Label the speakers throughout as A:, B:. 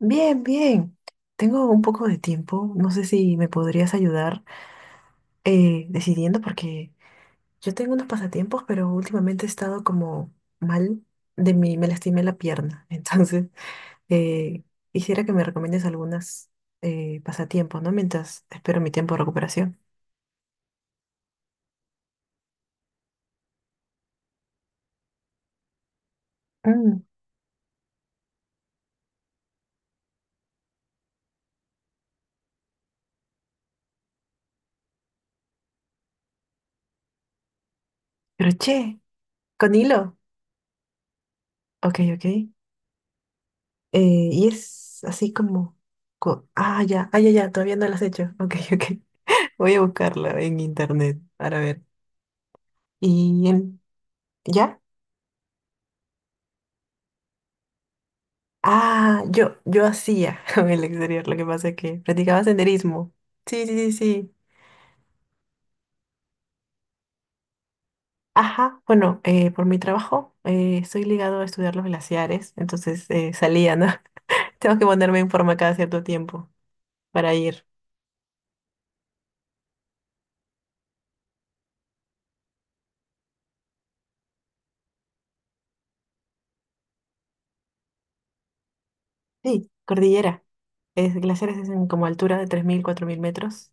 A: Bien, bien. Tengo un poco de tiempo. No sé si me podrías ayudar decidiendo porque yo tengo unos pasatiempos, pero últimamente he estado como mal de mí, me lastimé la pierna. Entonces, eh, quisiera que me recomiendes algunas pasatiempos, ¿no? Mientras espero mi tiempo de recuperación. Mm, crochet, con hilo. Ok, ok. Y es así como... ah, ya, ah, ya, ya, todavía no lo has hecho. Ok, ok. Voy a buscarla en internet para ver. Y él, ¿ya? Ah, yo hacía en el exterior, lo que pasa es que practicaba senderismo. Sí, sí, sí, sí. Ajá, bueno, por mi trabajo estoy ligado a estudiar los glaciares, entonces salía, ¿no? Tengo que ponerme en forma cada cierto tiempo para ir. Sí, cordillera. Es, glaciares es en como altura de 3000 4000 metros.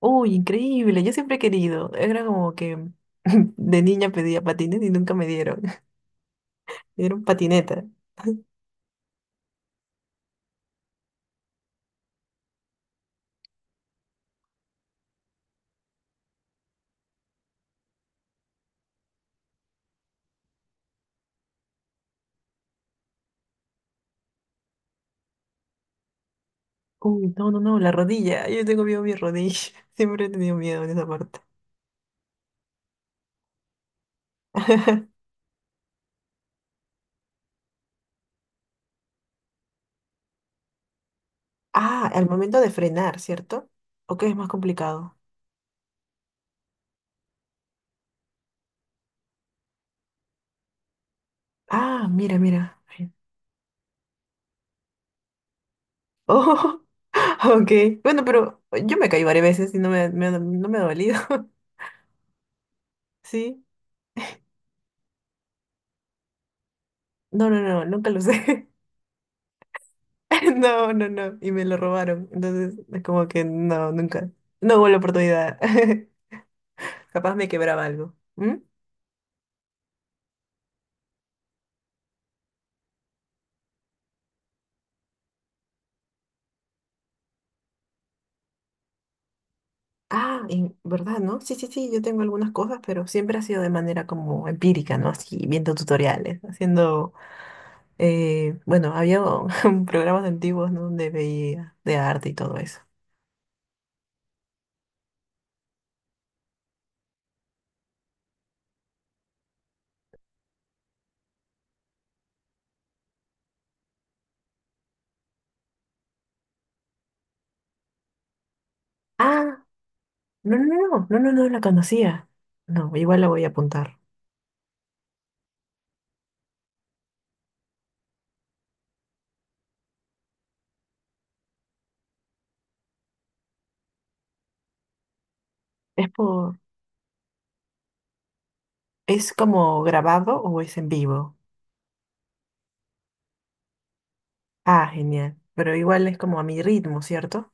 A: Uy, increíble, yo siempre he querido. Era como que de niña pedía patines y nunca me dieron. Me dieron patineta. Uy, no, no, no, la rodilla. Yo tengo miedo a mi rodilla. Siempre he tenido miedo en esa parte. Ah, al momento de frenar, ¿cierto? ¿O qué es más complicado? Ah, mira, mira. Ay. Oh, ok. Bueno, pero yo me caí varias veces y no me ha dolido. ¿Sí? No, no, no, nunca lo usé. No, no, no. Y me lo robaron. Entonces, es como que no, nunca. No hubo la oportunidad. Capaz me quebraba algo. ¿Mm? Ah, en verdad, ¿no? Sí, sí, sí, yo tengo algunas cosas, pero siempre ha sido de manera como empírica, ¿no? Así, viendo tutoriales, bueno, había programas antiguos, ¿no? Donde veía de arte y todo eso. Ah, no, no, no, no, no, no la conocía. No, igual la voy a apuntar. Es por, ¿Es como grabado o es en vivo? Ah, genial. Pero igual es como a mi ritmo, ¿cierto?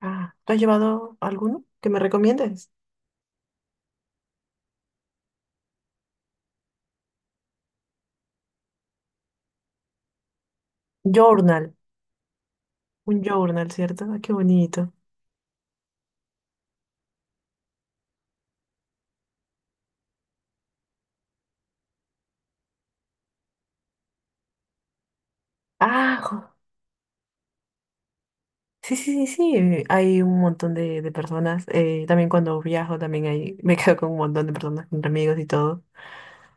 A: Ah, ¿tú has llevado alguno que me recomiendes? Journal, un journal, ¿cierto? Ah, qué bonito. Ah, jo- sí, sí, sí, sí. Hay un montón de personas. También cuando viajo, también hay, me quedo con un montón de personas, con amigos y todo.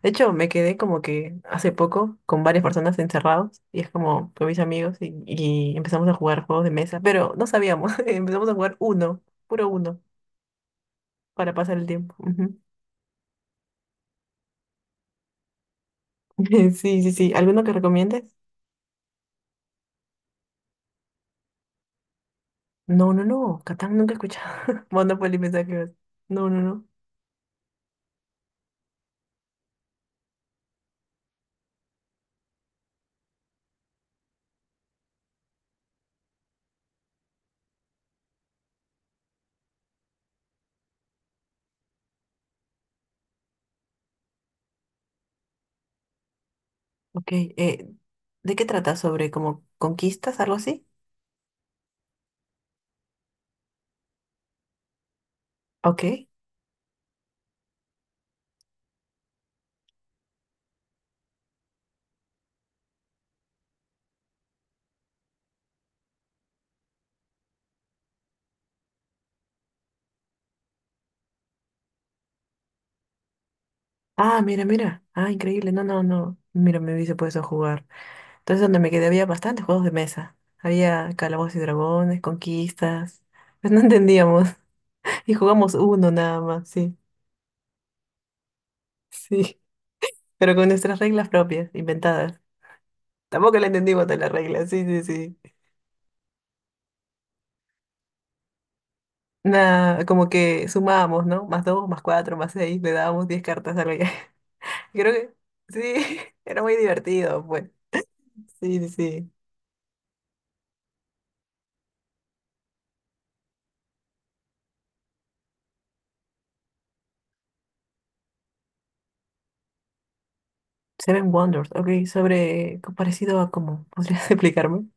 A: De hecho, me quedé como que hace poco con varias personas encerrados y es como con mis amigos y empezamos a jugar juegos de mesa, pero no sabíamos. Empezamos a jugar uno, puro uno, para pasar el tiempo. Ujú. Sí, sí, sí. ¿Alguno que recomiendes? No, no, no. Catán nunca he escuchado. Monopoly, pensaba que ibas- no, no, no. Ok, ¿de qué trata? ¿Sobre como conquistas, algo así? Ok. Ah, mira, mira. Ah, increíble. No, no, no. Mira, me hubiese puesto a jugar. Entonces, donde me quedé había bastantes juegos de mesa. Había Calabozos y Dragones, conquistas. Pues no entendíamos. Y jugamos uno nada más, sí. Sí. Pero con nuestras reglas propias, inventadas. Tampoco le entendimos de las reglas, sí, sí, sí. Nada, como que sumábamos, ¿no? Más dos, más cuatro, más seis, le dábamos 10 cartas a alguien. Creo que sí, era muy divertido, pues. Sí, sí, sí. Seven Wonders, ok, sobre parecido a cómo, ¿podrías explicarme?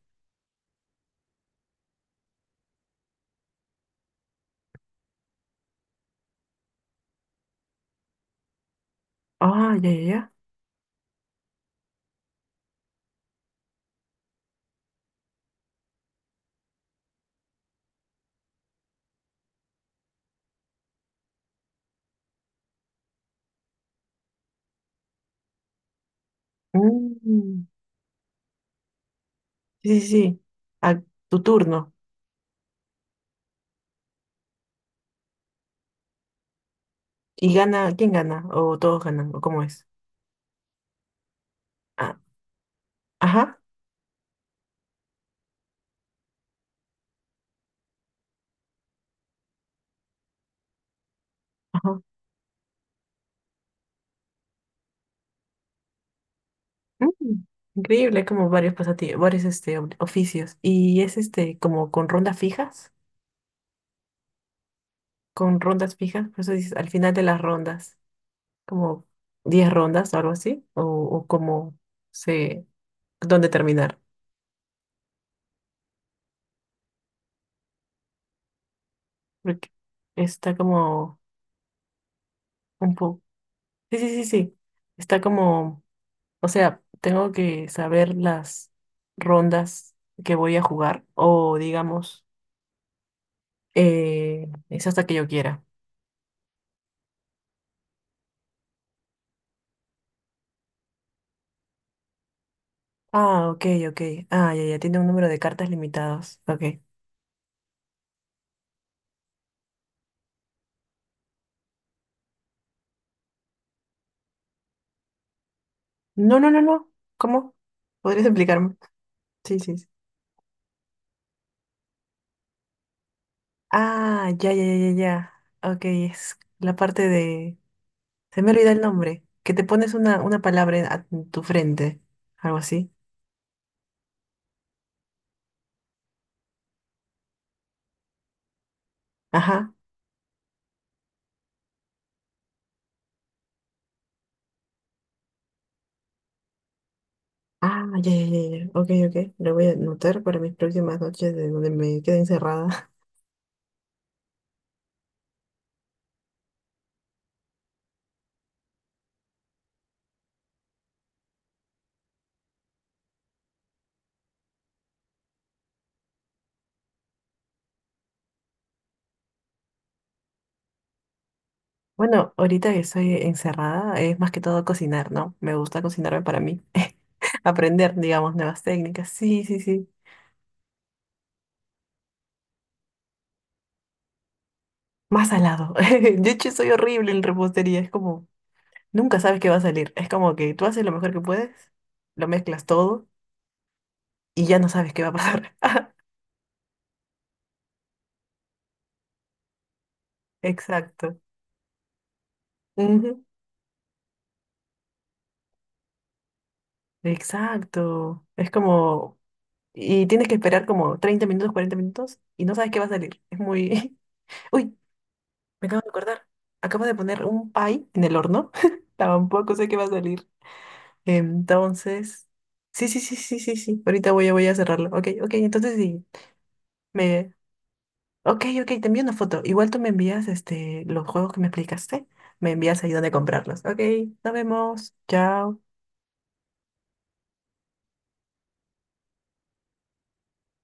A: Ah, ya, ya, ya. Mm, sí, sí, sí. A tu turno. ¿Y gana? ¿Quién gana? ¿O todos ganan? ¿O cómo es? Ah, ajá, ajá. Mm, increíble, hay como varios pasatiempos varios este, oficios. Y es este, como con rondas fijas, por eso dices, al final de las rondas. Como 10 rondas o algo así, o cómo se, dónde terminar, porque está como un poco, sí, sí, sí, sí, está como, o sea, tengo que saber las rondas que voy a jugar, o digamos, es hasta que yo quiera. Ah, ok, ok, ah, ya, ya, tiene un número de cartas limitados, ok. No, no, no, no, ¿cómo? ¿Podrías explicarme? Sí, sí, sí. Ah, ya, ya, ya, ya, ya. Ok, es la parte de se me olvida el nombre. Que te pones una palabra en, a tu frente. Algo así. Ajá. Ah, ya, ya, ya, ya. Ok, ok. Lo voy a anotar para mis próximas noches de donde me quede encerrada. Bueno, ahorita que estoy encerrada es más que todo cocinar, ¿no? Me gusta cocinarme para mí. Aprender, digamos, nuevas técnicas. Sí, sí, sí. Más salado. De hecho, soy horrible en repostería. Es como, nunca sabes qué va a salir. Es como que tú haces lo mejor que puedes, lo mezclas todo y ya no sabes qué va a pasar. Exacto. Ujú, exacto. Es como... Y tienes que esperar como 30 minutos, 40 minutos y no sabes qué va a salir. Es muy... Uy, me acabo de acordar. Acabo de poner un pie en el horno. Tampoco sé qué va a salir. Entonces... Sí, sí, sí, sí, sí, sí. Ahorita voy a, voy a cerrarlo. Ok, ok. Entonces sí. Me... Ok, ok. Te envío una foto. Igual tú me envías este, los juegos que me explicaste. Me envías ahí donde comprarlos. Ok, nos vemos. Chao.